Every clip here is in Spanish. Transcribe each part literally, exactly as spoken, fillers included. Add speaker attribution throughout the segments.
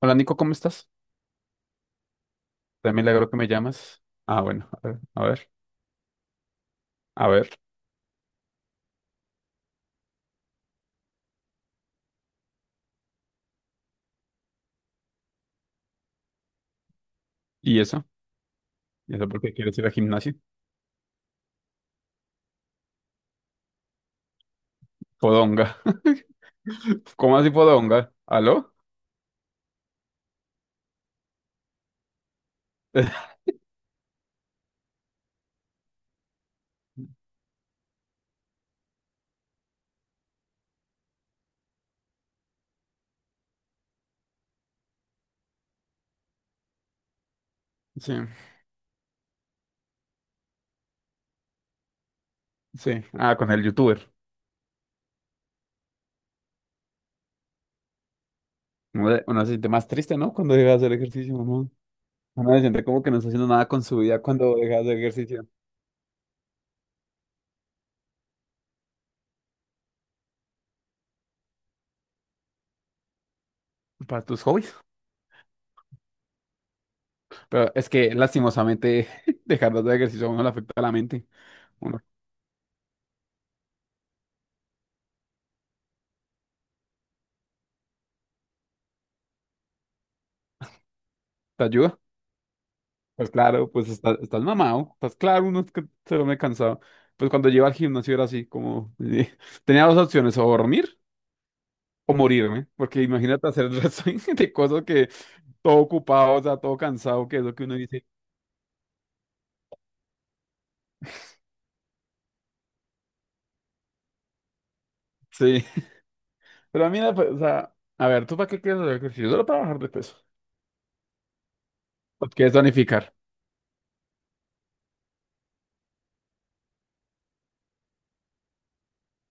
Speaker 1: Hola Nico, ¿cómo estás? De milagro que me llamas. Ah, bueno, a ver, a ver, a ver. ¿Y eso? ¿Y eso por qué quieres ir al gimnasio? Podonga. ¿Cómo así podonga? ¿Aló? Sí, sí. Ah, con el youtuber. Uno de- uno se siente más triste, ¿no? Cuando deja de hacer ejercicio, mamá. Uno se siente como que no está haciendo nada con su vida cuando deja de hacer ejercicio. Para tus hobbies. Pero es que lastimosamente dejar de hacer ejercicio a uno le afecta a la mente. Uno te ayuda. Pues claro, pues estás estás mamado, estás claro, uno es que se duerme cansado. Pues cuando llego al gimnasio era así, como tenía dos opciones, o dormir o morirme, porque imagínate hacer el resto de cosas que todo ocupado, o sea, todo cansado, que es lo que uno dice. Sí, pero a mí, o sea, a ver, ¿tú para qué quieres hacer ejercicio? Solo para bajar de peso. ¿O quieres tonificar?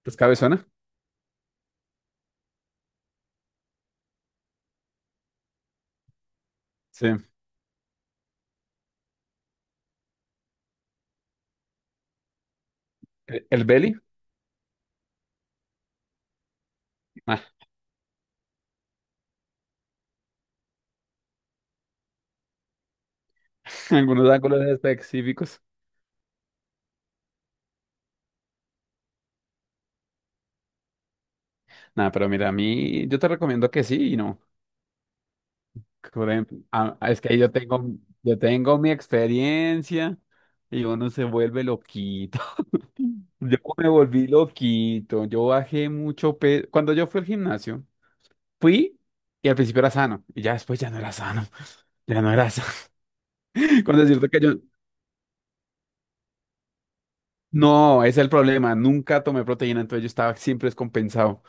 Speaker 1: ¿Pues cabezona? Sí. ¿El, el belly? Ah, algunos ángulos específicos. Nada, pero mira, a mí yo te recomiendo que sí y no. Por ejemplo, ah, es que yo tengo, yo tengo mi experiencia y uno se vuelve loquito. Yo me volví loquito, yo bajé mucho peso. Cuando yo fui al gimnasio, fui y al principio era sano y ya después ya no era sano, ya no era sano. Con decirte que yo, no, ese es el problema, nunca tomé proteína, entonces yo estaba siempre descompensado,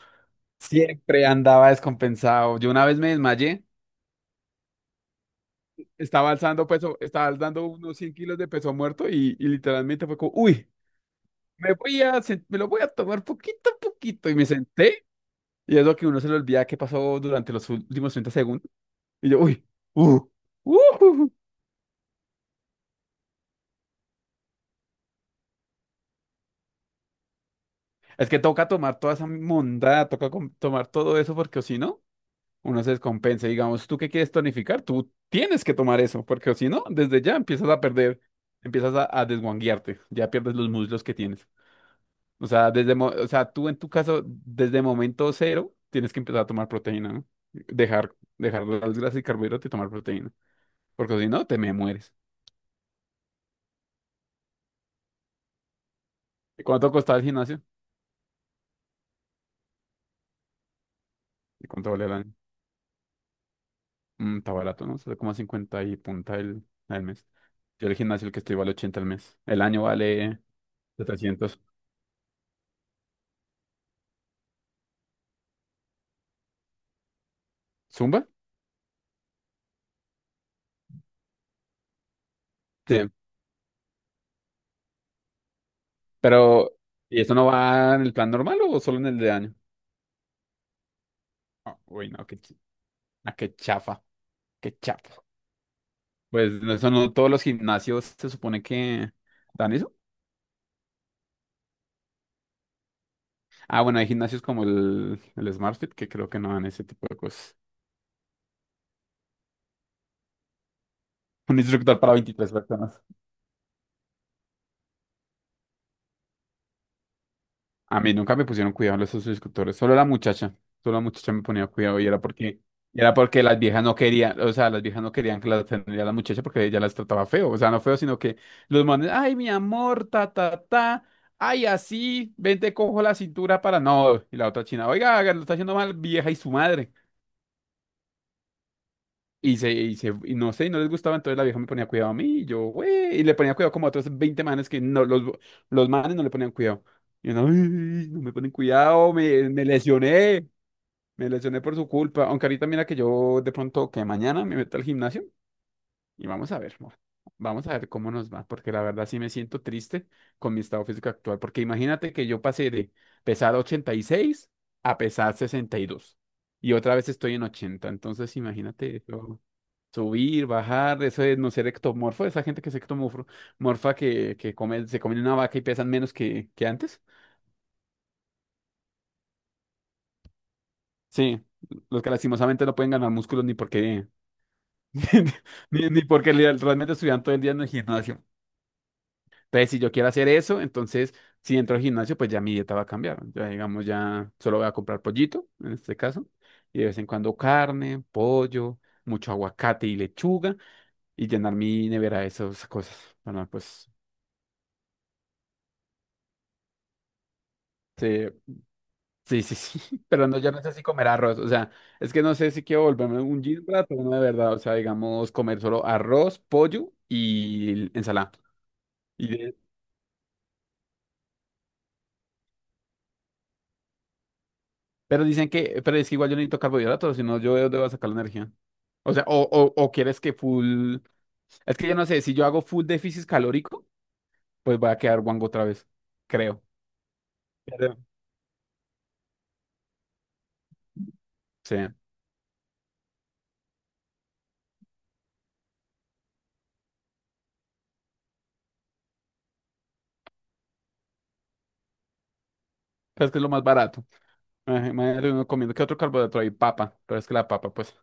Speaker 1: siempre andaba descompensado. Yo una vez me desmayé, estaba alzando peso, estaba alzando unos cien kilos de peso muerto y, y literalmente fue como, uy. me voy a, sen- me lo voy a tomar poquito a poquito. Y me senté. Y es lo que uno se le olvida que pasó durante los últimos treinta segundos. Y yo, uy, uh, uh, uh, uh". Es que toca tomar toda esa mondada, toca com- tomar todo eso porque o si no, uno se descompensa. Digamos, tú que quieres tonificar, tú tienes que tomar eso porque o si no, desde ya empiezas a perder, empiezas a, a desguanguearte, ya pierdes los muslos que tienes. O sea, desde, mo- o sea, tú en tu caso, desde momento cero, tienes que empezar a tomar proteína, ¿no? Dejar, dejar las grasas y carbohidratos y tomar proteína. Porque si no, te me mueres. ¿Y cuánto costaba el gimnasio? ¿Y cuánto vale el año? Mm, está barato, ¿no? Sale como a cincuenta y punta el, al mes. Yo el gimnasio el que estoy vale ochenta al mes. El año vale setecientos. ¿Zumba? Sí. Pero, ¿y eso no va en el plan normal o solo en el de año? Ah, uy, no, qué, ch- ah, qué chafa. Qué chafa. Pues no, eso no todos los gimnasios se supone que dan eso. Ah, bueno, hay gimnasios como el, el SmartFit que creo que no dan ese tipo de cosas. Un instructor para veintitrés personas. A mí nunca me pusieron cuidado los esos instructores, solo la muchacha. Solo la muchacha me ponía cuidado y era porque, y era porque las viejas no querían, o sea, las viejas no querían que la atendiera la muchacha porque ella las trataba feo. O sea, no feo, sino que los manes, ay, mi amor, ta, ta, ta. Ay, así, ven, te cojo la cintura para no. Y la otra china, oiga, lo está haciendo mal, vieja y su madre. Y se, y se, y no sé, y no les gustaba, entonces la vieja me ponía cuidado a mí, y yo, güey, y le ponía cuidado como a otros veinte manes que no, los, los manes no le ponían cuidado. Y uno, "Ay, no me ponen cuidado, me, me lesioné, me lesioné por su culpa. Aunque ahorita mira que yo de pronto, que mañana me meto al gimnasio y vamos a ver, mo- vamos a ver cómo nos va, porque la verdad sí me siento triste con mi estado físico actual, porque imagínate que yo pasé de pesar ochenta y seis a pesar sesenta y dos y otra vez estoy en ochenta entonces imagínate eso. Subir, bajar, eso es no ser ectomorfo, esa gente que es ectomorfo morfa que, que come, se comen una vaca y pesan menos que, que antes. Sí, los que lastimosamente no pueden ganar músculos ni porque, ni, ni porque li- realmente estuvieran todo el día en el gimnasio. Entonces, si yo quiero hacer eso, entonces si entro al gimnasio, pues ya mi dieta va a cambiar. Ya, digamos, ya solo voy a comprar pollito, en este caso, y de vez en cuando carne, pollo, mucho aguacate y lechuga, y llenar mi nevera de esas cosas. Bueno, pues. Sí, sí, sí, sí, pero no, yo no sé si comer arroz, o sea, es que no sé si quiero volverme un gym rat o no de verdad, o sea, digamos, comer solo arroz, pollo y ensalada. Y de- Pero dicen que, pero es que igual yo necesito carbohidratos, si no yo debo debo sacar la energía. O sea, o, o, o quieres que full, es que yo no sé, si yo hago full déficit calórico, pues voy a quedar guango otra vez, creo. Creo. Sí, pero es que es lo más barato. Imagínate uno comiendo, ¿qué otro carbohidrato hay? Papa, pero es que la papa, pues.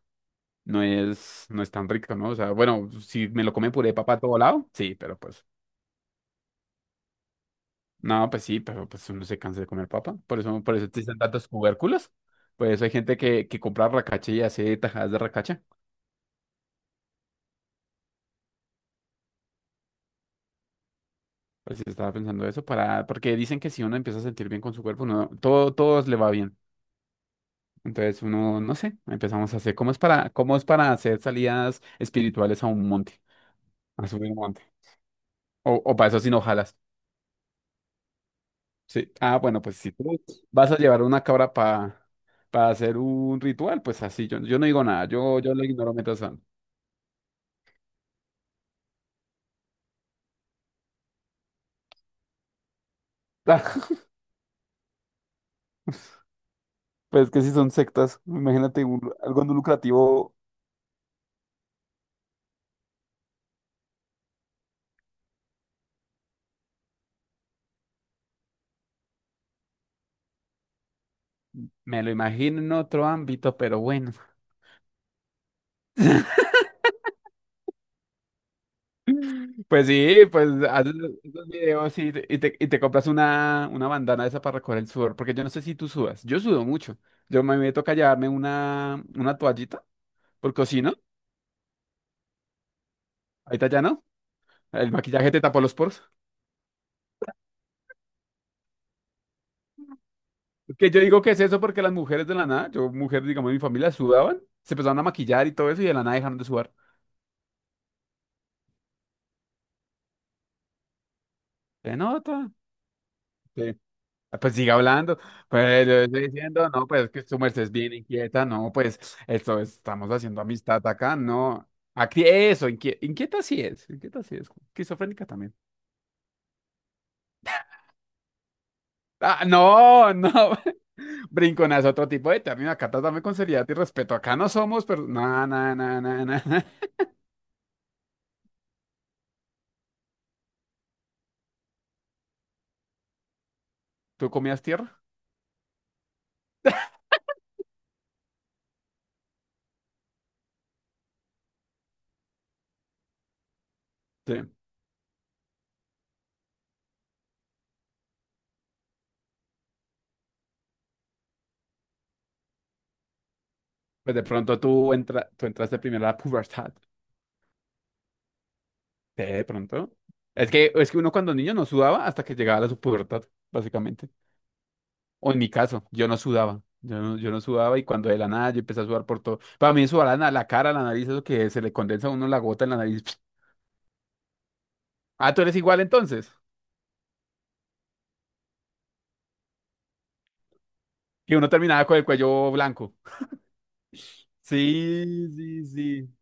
Speaker 1: no es, no es tan rico, ¿no? O sea, bueno, si me lo come puré de papa a todo lado, sí, pero pues, no, pues sí, pero pues uno se cansa de comer papa. Por eso, por eso existen tantos tubérculos. Por eso hay gente que, que compra racacha y hace tajadas de racacha. Pues sí, estaba pensando eso para, porque dicen que si uno empieza a sentir bien con su cuerpo, uno, todo, todo le va bien. Entonces uno, no sé, empezamos a hacer, ¿cómo es para, cómo es para hacer salidas espirituales a un monte? A subir un monte. O, o para eso sin hojalas. Sí. Ah, bueno, pues si tú vas a llevar una cabra para hacer un ritual, pues así, yo, yo no digo nada, yo, yo lo ignoro mientras tanto. Pues que si son sectas, imagínate un- algo no lucrativo. Me lo imagino en otro ámbito, pero bueno. Pues sí, pues haces esos videos y te, y te- y te compras una, una bandana de esa para recoger el sudor, porque yo no sé si tú sudas, yo sudo mucho. Yo a mí me toca llevarme una, una toallita, porque si no, ahorita ya no, el maquillaje te tapó los poros. Que yo digo que es eso porque las mujeres de la nada, yo, mujer digamos, de mi familia sudaban, se empezaron a maquillar y todo eso y de la nada dejaron de sudar. Se nota. Sí. Ah, pues sigue hablando. Pues yo estoy diciendo, no, pues que su merced es bien inquieta, no, pues esto es- estamos haciendo amistad acá, no. Aquí, eso, inquieta, inquieta sí es, inquieta sí es, esquizofrénica también. Ah, no, no, brinconazo, otro tipo de término, acá trátame con seriedad y respeto, acá no somos, pero, no, no, no, no, no. ¿Tú comías tierra? Sí. Pues de pronto tú, entra, tú entraste primero a la pubertad. Sí, de pronto. Es que, es que uno cuando niño no sudaba hasta que llegaba a la su pubertad, básicamente. O en mi caso, yo no sudaba. Yo no, yo no sudaba y cuando de la nada yo empecé a sudar por todo. Para mí sudar la, na- la cara, la nariz, eso que se le condensa a uno la gota en la nariz. Ah, tú eres igual entonces. Que uno terminaba con el cuello blanco. Sí, sí, sí.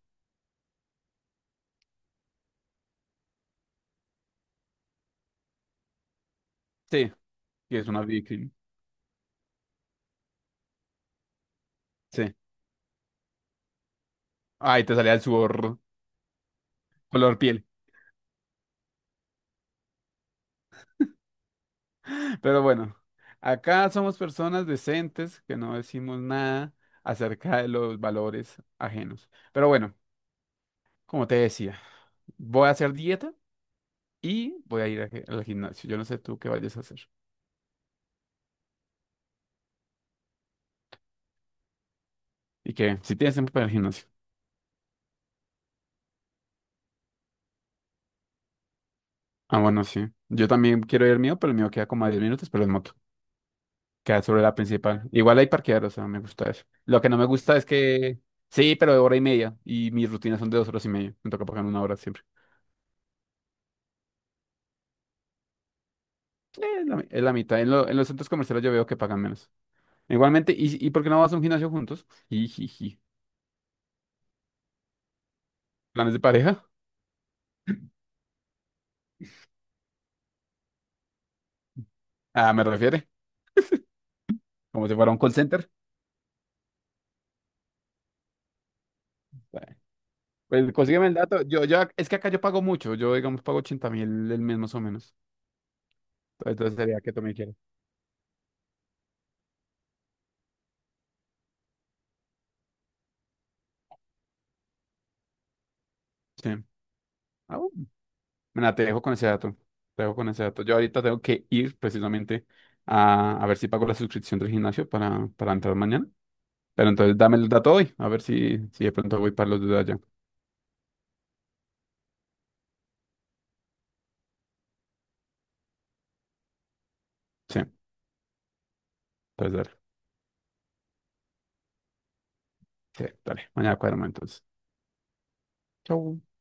Speaker 1: Sí, y es una víctima. Sí. Ay, te salía el sudor color piel. Pero bueno, acá somos personas decentes que no decimos nada acerca de los valores ajenos. Pero bueno, como te decía, voy a hacer dieta y voy a ir a gi- al gimnasio. Yo no sé tú qué vayas a hacer. ¿Y qué? Si tienes tiempo para el gimnasio. Ah, bueno, sí. Yo también quiero ir al mío, pero el mío queda como a diez minutos, pero en moto. Queda sobre la principal. Igual hay parquear, o sea, me gusta eso. Lo que no me gusta es que... Sí, pero de hora y media. Y mis rutinas son de dos horas y media. Me toca pagar una hora siempre. Eh, Es la, mi- es la mitad. En, lo- en los centros comerciales yo veo que pagan menos. Igualmente, ¿y, y por qué no vas a un gimnasio juntos? Jijiji. ¿Planes de pareja? Ah, me refiere. Como si fuera un call center. Bueno, pues consígueme el dato. Yo, yo, ac- es que acá yo pago mucho. Yo, digamos, pago ochenta mil el mes más o menos. Entonces entonces sería que tú me quieras. Sí. Ah, bueno. Mira, te dejo con ese dato. Te dejo con ese dato. Yo ahorita tengo que ir precisamente a, a ver si pago la suscripción del gimnasio para, para entrar mañana. Pero entonces dame el dato hoy. A ver si, si de pronto voy para los de allá. Sí. Entonces, dale. Sí, dale, mañana cuadramos entonces. Chau.